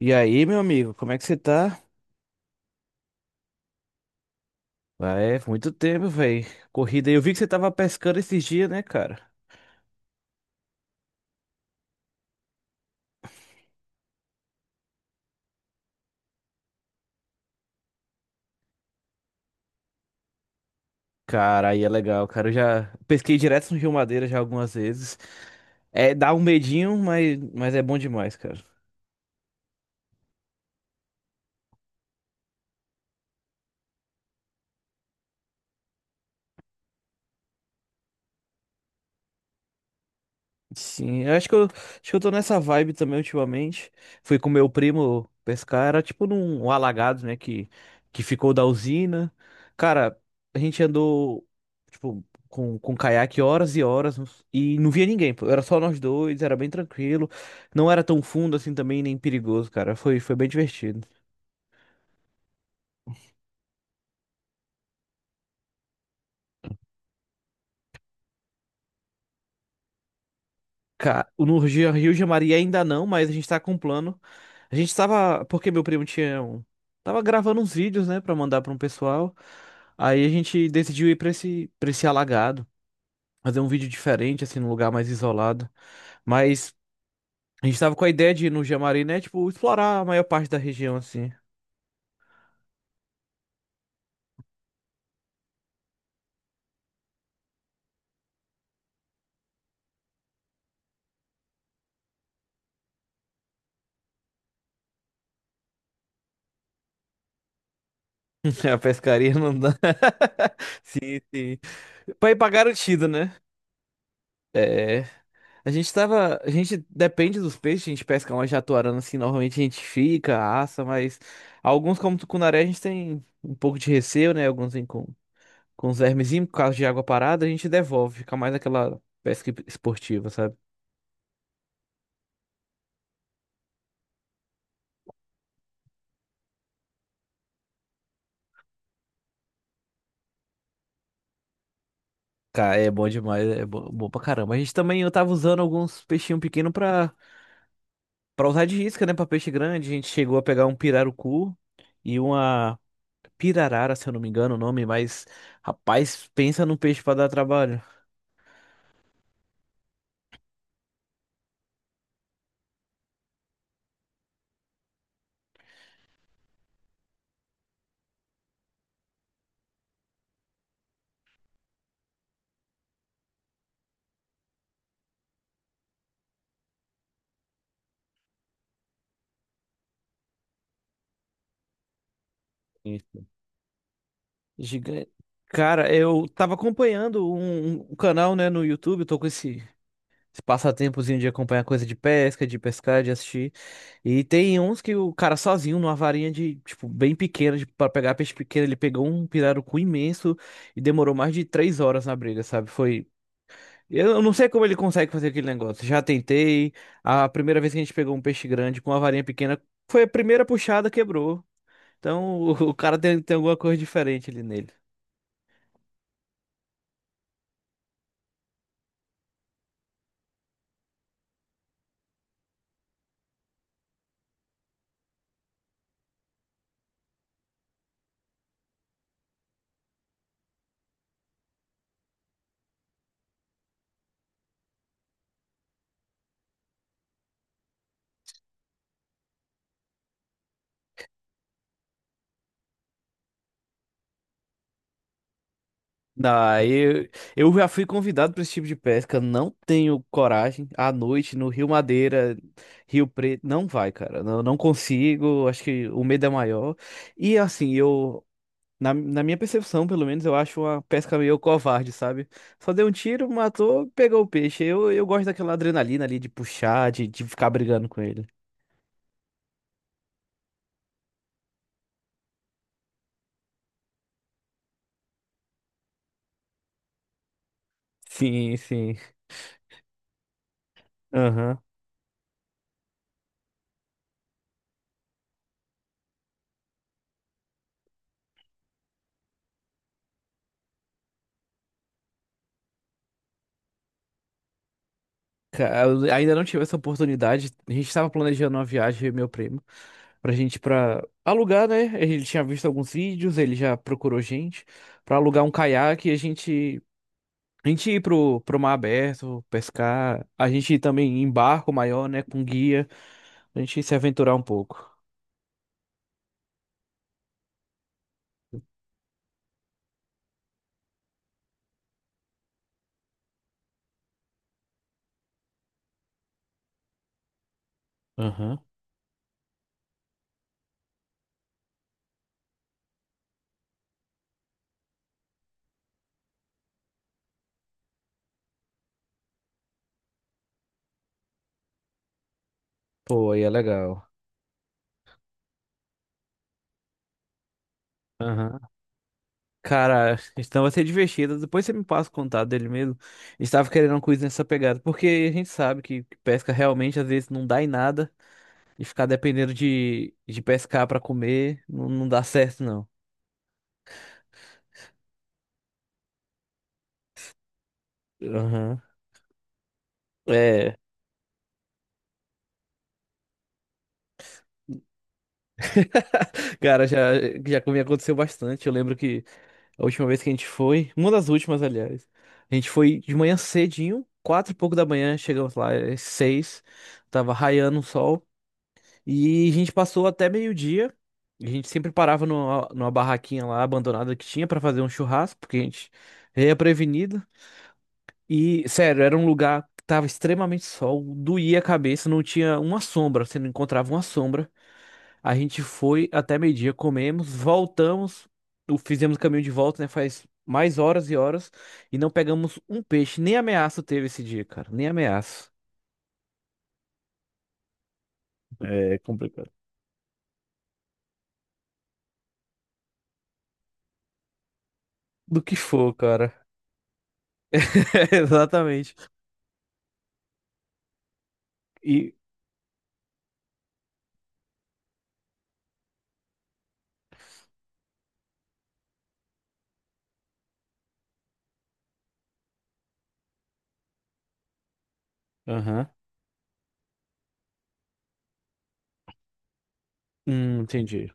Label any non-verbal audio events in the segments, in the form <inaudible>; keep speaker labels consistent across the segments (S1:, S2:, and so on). S1: E aí, meu amigo, como é que você tá? Ah, É, muito tempo, velho. Corrida. Eu vi que você tava pescando esses dias, né, cara? Cara, aí é legal, cara. Eu já pesquei direto no Rio Madeira já algumas vezes. É, dá um medinho, mas é bom demais, cara. Sim, eu acho que eu tô nessa vibe também ultimamente. Fui com meu primo pescar, era tipo num alagado, né, que ficou da usina. Cara, a gente andou, tipo, com caiaque horas e horas e não via ninguém, pô. Era só nós dois, era bem tranquilo. Não era tão fundo assim também, nem perigoso, cara. Foi bem divertido. Cara, no Rio de Maria ainda não, mas a gente tá com um plano. A gente tava, porque meu primo tava gravando uns vídeos, né, pra mandar pra um pessoal. Aí a gente decidiu ir pra esse alagado, fazer um vídeo diferente, assim, num lugar mais isolado. Mas a gente tava com a ideia de ir no Jamari, né, tipo, explorar a maior parte da região, assim. <laughs> A pescaria não dá. <laughs> Sim, sim. Pra ir pra garantido, né? É. A gente tava. A gente depende dos peixes, a gente pesca uma jatuarana assim, normalmente a gente fica, assa, mas alguns, como tucunaré, a gente tem um pouco de receio, né? Alguns vêm com os vermezinhos, por causa de água parada, a gente devolve, fica mais aquela pesca esportiva, sabe? Cara, é bom demais, é bom, bom pra caramba. A gente também, eu tava usando alguns peixinhos pequenos pra usar de isca, né? Pra peixe grande, a gente chegou a pegar um pirarucu e uma pirarara, se eu não me engano o nome, mas rapaz, pensa num peixe pra dar trabalho. Gigante. Cara, eu tava acompanhando um canal, né, no YouTube, eu tô com esse passatempozinho de acompanhar coisa de pesca, de pescar, de assistir. E tem uns que o cara sozinho, numa varinha de, tipo, bem pequena, pra pegar peixe pequeno, ele pegou um pirarucu imenso e demorou mais de 3 horas na briga, sabe? Foi. Eu não sei como ele consegue fazer aquele negócio. Já tentei. A primeira vez que a gente pegou um peixe grande com uma varinha pequena, foi a primeira puxada, quebrou. Então <laughs> o cara tem alguma coisa diferente ali nele. Ah, eu já fui convidado para esse tipo de pesca, não tenho coragem. À noite no Rio Madeira, Rio Preto, não vai, cara. Não consigo, acho que o medo é maior. E assim, eu, na minha percepção, pelo menos, eu acho uma pesca meio covarde, sabe? Só deu um tiro, matou, pegou o peixe. Eu gosto daquela adrenalina ali de puxar, de ficar brigando com ele. Sim, sim. Eu ainda não tive essa oportunidade. A gente estava planejando uma viagem, eu e meu primo, pra gente pra alugar, né? Ele tinha visto alguns vídeos, ele já procurou gente pra alugar um caiaque e a gente ir pro mar aberto, pescar, a gente ir também em barco maior, né, com guia, a gente se aventurar um pouco. Aham. Pô, aí é legal. Aham. Cara, então vai ser divertido. Depois você me passa o contato dele mesmo. Estava querendo uma coisa nessa pegada, porque a gente sabe que pesca realmente às vezes não dá em nada. E ficar dependendo de pescar pra comer não dá certo, não. Aham. É. Cara, já comigo aconteceu bastante. Eu lembro que a última vez que a gente foi, uma das últimas, aliás, a gente foi de manhã cedinho, 4 e pouco da manhã, chegamos lá, às 6h, tava raiando o sol. E a gente passou até meio-dia. A gente sempre parava numa barraquinha lá abandonada que tinha pra fazer um churrasco, porque a gente é prevenido. E, sério, era um lugar que tava extremamente sol, doía a cabeça, não tinha uma sombra, você não encontrava uma sombra. A gente foi até meio-dia, comemos, voltamos, fizemos o caminho de volta, né? Faz mais horas e horas, e não pegamos um peixe, nem ameaça teve esse dia, cara, nem ameaça. É complicado. Do que for, cara. <laughs> Exatamente. E. Aham. Entendi.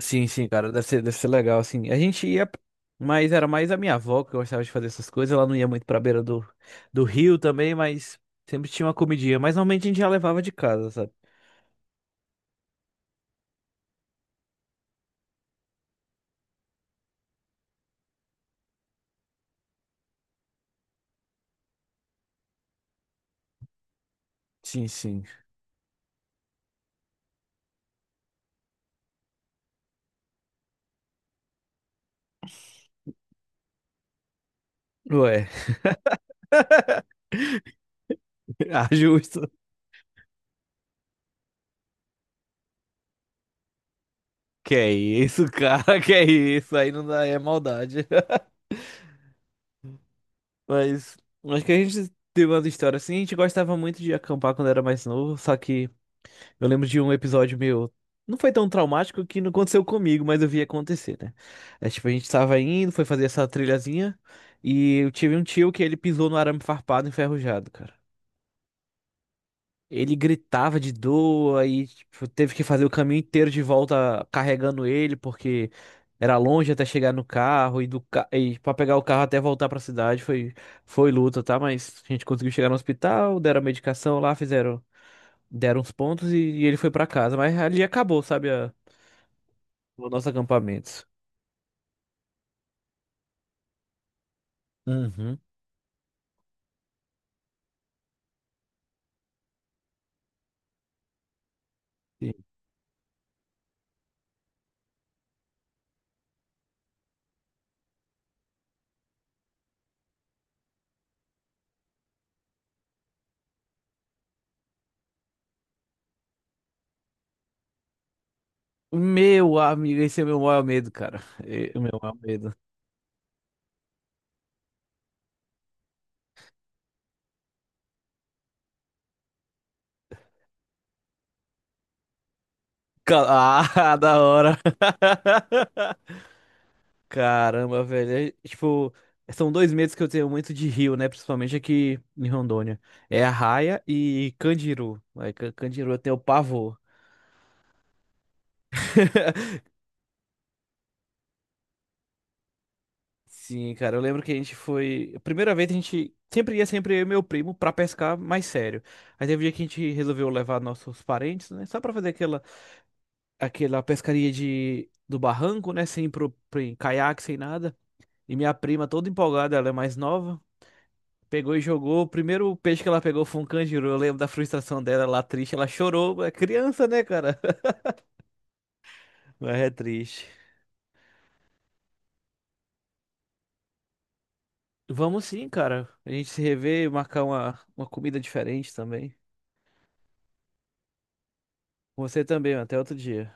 S1: Sim, sim, cara, deve ser legal, assim. A gente ia, mas era mais a minha avó que gostava de fazer essas coisas. Ela não ia muito pra beira do rio também, mas sempre tinha uma comidinha. Mas normalmente a gente já levava de casa, sabe? Sim, sim. Ué, <laughs> ah, justo. Que é isso, <laughs> cara, que é isso? Aí não dá, é maldade. <laughs> Mas acho que a gente teve umas histórias assim. A gente gostava muito de acampar quando era mais novo, só que. Eu lembro de um episódio meu. Não foi tão traumático que não aconteceu comigo, mas eu vi acontecer, né? É, tipo, a gente tava indo, foi fazer essa trilhazinha, e eu tive um tio que ele pisou no arame farpado enferrujado, cara. Ele gritava de dor, aí, tipo, teve que fazer o caminho inteiro de volta carregando ele, porque era longe até chegar no carro, e, e pra pegar o carro até voltar pra cidade foi luta, tá? Mas a gente conseguiu chegar no hospital, deram a medicação lá, fizeram deram os pontos e ele foi pra casa. Mas ali acabou, sabe, o nosso acampamento. Uhum. Sim. Meu amigo, esse é o meu maior medo, cara. O meu maior medo. Ca- Ah, <laughs> da hora. <laughs> Caramba, velho. É, tipo, são dois medos que eu tenho muito de rio, né? Principalmente aqui em Rondônia. É Arraia e Candiru. Aí Candiru eu tenho pavor. <laughs> Sim, cara, eu lembro que a gente foi. A primeira vez a gente sempre ia, sempre eu e meu primo, pra pescar mais sério. Aí teve um dia que a gente resolveu levar nossos parentes, né? Só pra fazer aquela pescaria do barranco, né? Sem caiaque, sem nada. E minha prima, toda empolgada, ela é mais nova, pegou e jogou. O primeiro peixe que ela pegou foi um canjiru. Eu lembro da frustração dela, lá triste, ela chorou. É criança, né, cara? <laughs> Mas é triste. Vamos sim, cara. A gente se rever e marcar uma comida diferente também. Você também, até outro dia.